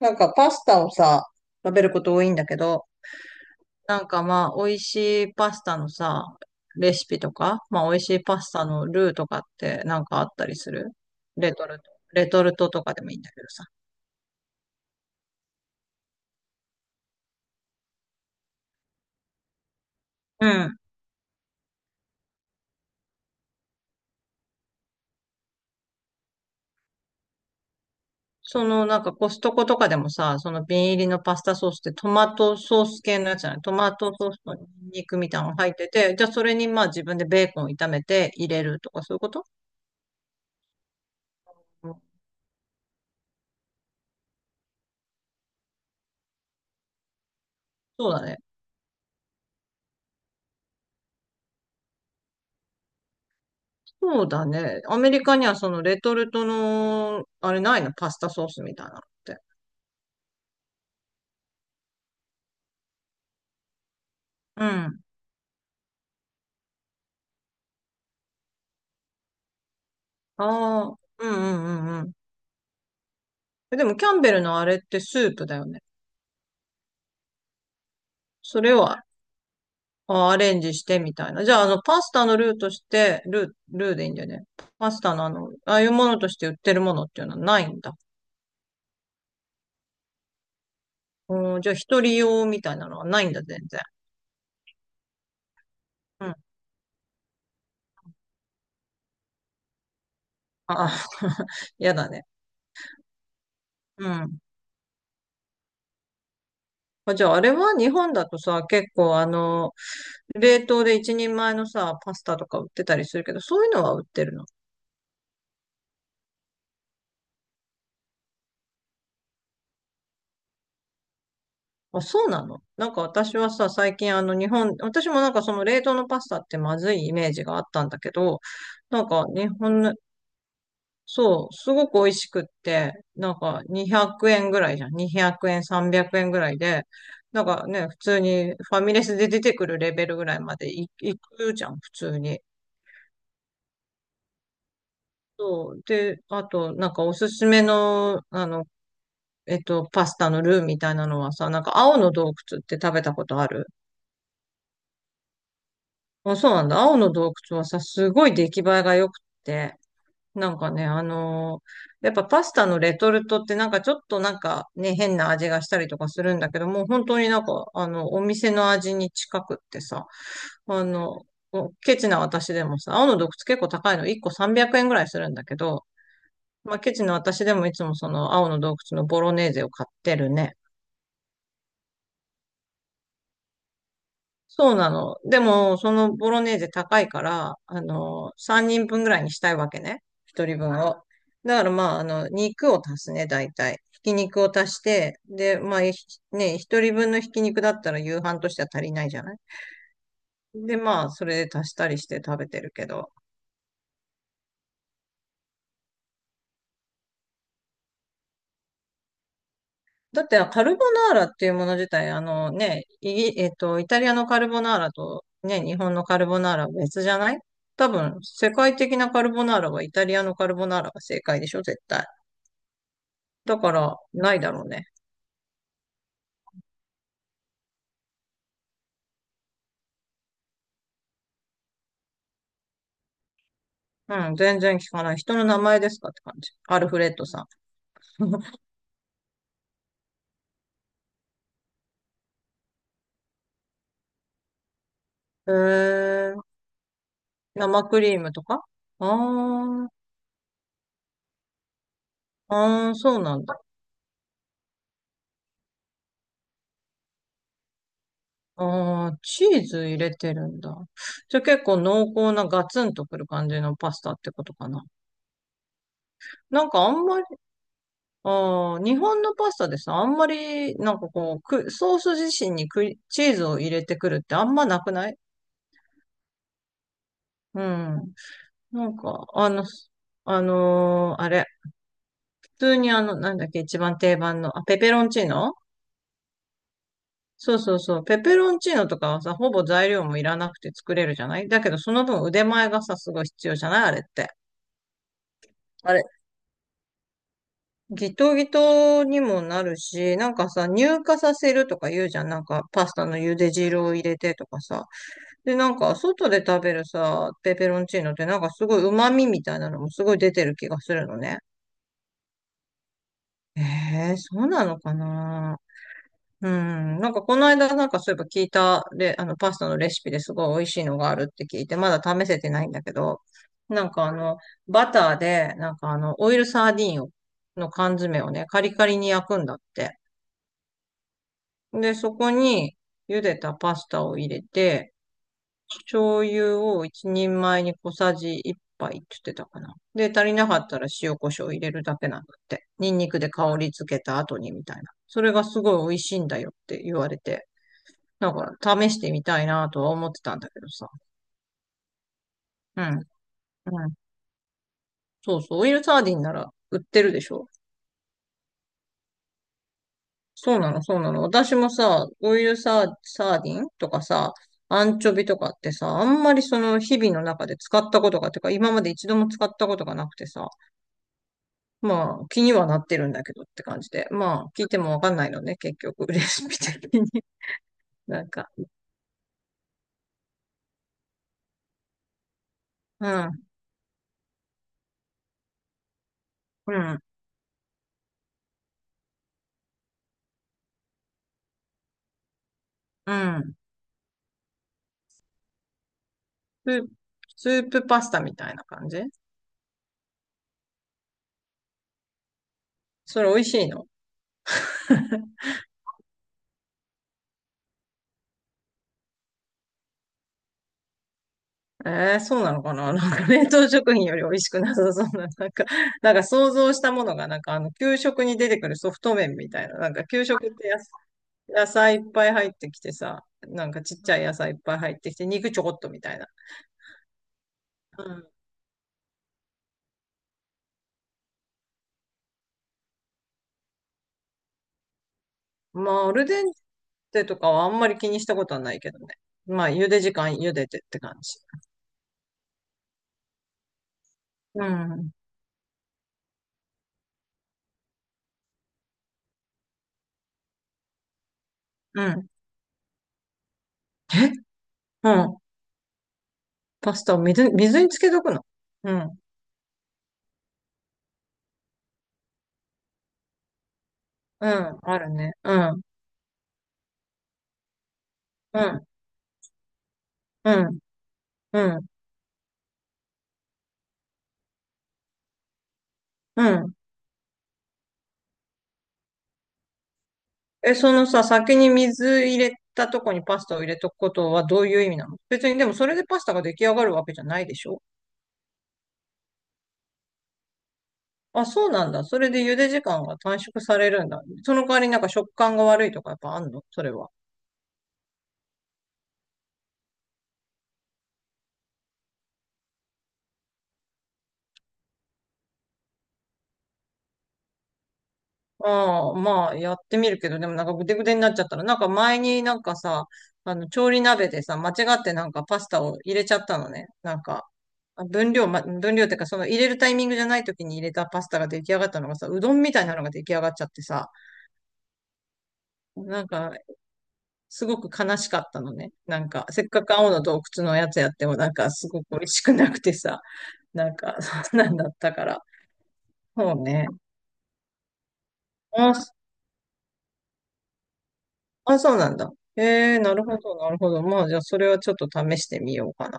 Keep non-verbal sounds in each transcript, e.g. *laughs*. なんかパスタをさ、食べること多いんだけど、なんか美味しいパスタのさ、レシピとか、美味しいパスタのルーとかってなんかあったりする？レトルト。レトルトとかでもいいんだけどさ。うん。そのなんかコストコとかでもさ、その瓶入りのパスタソースってトマトソース系のやつじゃない？トマトソースとニンニクみたいなのが入ってて、じゃあそれに自分でベーコンを炒めて入れるとかそういうこと？うん、そうだね。そうだね。アメリカにはそのレトルトの、あれないの？パスタソースみたいなのって。うん。ああ、うんうんうんうん。え、でもキャンベルのあれってスープだよね。それをアレンジしてみたいな。じゃあ、パスタのルーとして、ルーでいいんだよね。パスタのああいうものとして売ってるものっていうのはないんだ。うん、じゃあ、一人用みたいなのはないんだ、全然。うん。ああ、*laughs* やだね。うん。あ、じゃあ、あれは日本だとさ、結構冷凍で一人前のさ、パスタとか売ってたりするけど、そういうのは売ってるの？あ、そうなの？なんか私はさ、最近あの日本、私もなんかその冷凍のパスタってまずいイメージがあったんだけど、なんか日本の、そう、すごく美味しくって、なんか200円ぐらいじゃん。200円、300円ぐらいで、なんかね、普通にファミレスで出てくるレベルぐらいまでいくじゃん、普通に。そう。で、あと、なんかおすすめの、パスタのルーみたいなのはさ、なんか青の洞窟って食べたことある？あ、そうなんだ。青の洞窟はさ、すごい出来栄えが良くって、なんかね、やっぱパスタのレトルトってなんかちょっとなんかね、変な味がしたりとかするんだけど、もう本当になんか、お店の味に近くってさ、あの、おケチな私でもさ、青の洞窟結構高いの、1個300円ぐらいするんだけど、まあ、ケチな私でもいつもその青の洞窟のボロネーゼを買ってるね。そうなの。でも、そのボロネーゼ高いから、3人分ぐらいにしたいわけね。1人分を。だからまあ、肉を足すね、大体。ひき肉を足して、で、まあ、1人分のひき肉だったら夕飯としては足りないじゃない？で、まあ、それで足したりして食べてるけど。だって、カルボナーラっていうもの自体、あのね、イギ、えっと、イタリアのカルボナーラとね、日本のカルボナーラは別じゃない？多分、世界的なカルボナーラはイタリアのカルボナーラが正解でしょ、絶対。だから、ないだろうね。うん、全然聞かない。人の名前ですかって感じ。アルフレッドさん。へえ、生クリームとか？あー、あー、そうなんだ。あー、チーズ入れてるんだ。じゃあ結構濃厚なガツンとくる感じのパスタってことかな。なんかあんまり、あー、日本のパスタでさ、あんまり、なんかこう、ソース自身にクリチーズを入れてくるってあんまなくない？うん。なんか、あれ、普通になんだっけ、一番定番の、あ、ペペロンチーノ。そうそうそう。ペペロンチーノとかはさ、ほぼ材料もいらなくて作れるじゃない？だけど、その分腕前がさ、すごい必要じゃない、あれって。あれ、ギトギトにもなるし、なんかさ、乳化させるとか言うじゃん。なんか、パスタの茹で汁を入れてとかさ。で、なんか、外で食べるさ、ペペロンチーノってなんかすごい旨味みたいなのもすごい出てる気がするのね。えー、そうなのかな？うん。なんかこの間なんかそういえば聞いたレ、あのパスタのレシピですごい美味しいのがあるって聞いて、まだ試せてないんだけど、なんかあの、バターで、なんかあの、オイルサーディンを、の缶詰をね、カリカリに焼くんだって。で、そこに茹でたパスタを入れて、醤油を一人前に小さじ一杯って言ってたかな。で、足りなかったら塩コショウ入れるだけなんだって。ニンニクで香り付けた後にみたいな。それがすごい美味しいんだよって言われて。なんか、試してみたいなとは思ってたんだけどさ。うん。うん。そうそう。オイルサーディンなら売ってるでしょ。そうなの、そうなの。私もさ、オイルサー、サーディンとかさ、アンチョビとかってさ、あんまりその日々の中で使ったことが、てか今まで一度も使ったことがなくてさ、まあ気にはなってるんだけどって感じで、まあ聞いてもわかんないのね、結局、*laughs* レシピ的に。*laughs* なんか、うん、うん、うん。スープ、スープパスタみたいな感じ？それ美味しいの？えー、そうなのかな？ *laughs* なんか冷凍食品より美味しくなさそうな、*laughs* なんか、なんか想像したものが、なんかあの、給食に出てくるソフト麺みたいな、なんか給食ってやす、野菜いっぱい入ってきてさ、なんかちっちゃい野菜いっぱい入ってきて、肉ちょこっとみたいな。うん、まあ、アルデンテとかはあんまり気にしたことはないけどね。まあ、茹で時間茹でてって感じ。うん。うん。え、うん。パスタを水につけとくの？うん。うん。あるね。うん。うん。うん。うん。うん。え、そのさ、先に水入れたとこにパスタを入れとくことはどういう意味なの？別にでもそれでパスタが出来上がるわけじゃないでしょ？あ、そうなんだ。それで茹で時間が短縮されるんだ。その代わりなんか食感が悪いとかやっぱあんの、それは？ああ、まあやってみるけど、でもなんかぐでぐでになっちゃったら、なんか前になんかさ、調理鍋でさ、間違ってなんかパスタを入れちゃったのね。なんか、分量ってかその入れるタイミングじゃない時に入れたパスタが出来上がったのがさ、うどんみたいなのが出来上がっちゃってさ、なんか、すごく悲しかったのね。なんか、せっかく青の洞窟のやつやっても、なんか、すごく美味しくなくてさ、なんか、*laughs* そんなんだったから。そうね。あ、そあ、そうなんだ。ええ、なるほど、なるほど。まあ、じゃあ、それはちょっと試してみようかな。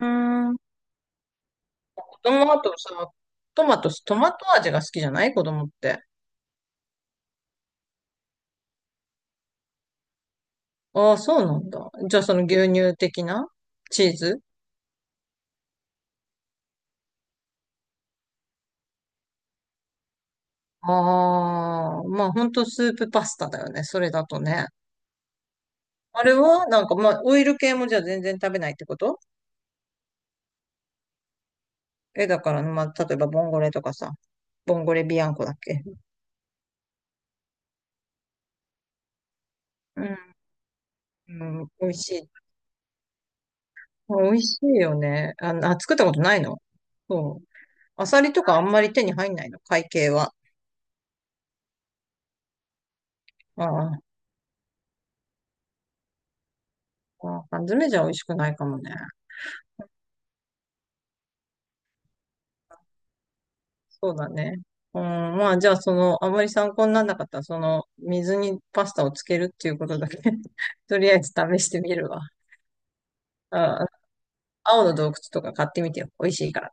うーん。子供はあとさ、トマト味が好きじゃない、子供って。ああ、そうなんだ。じゃあ、その牛乳的な、チーズ？ああまあ、ほんとスープパスタだよね。それだとね。あれはなんか、まあ、オイル系もじゃあ全然食べないってこと？え、だから、まあ、例えば、ボンゴレとかさ、ボンゴレビアンコだっけ？うん、うん、美味しい。美味しいよね。あ、あ、作ったことないの？そう。アサリとかあんまり手に入んないの、会計は？ああ、ああ、缶詰じゃ美味しくないかもね。そうだね。うん、まあ、じゃあ、その、あまり参考にならなかったら、その、水にパスタをつけるっていうことだけ *laughs* とりあえず試してみるわ。ああ、青の洞窟とか買ってみてよ。美味しいから。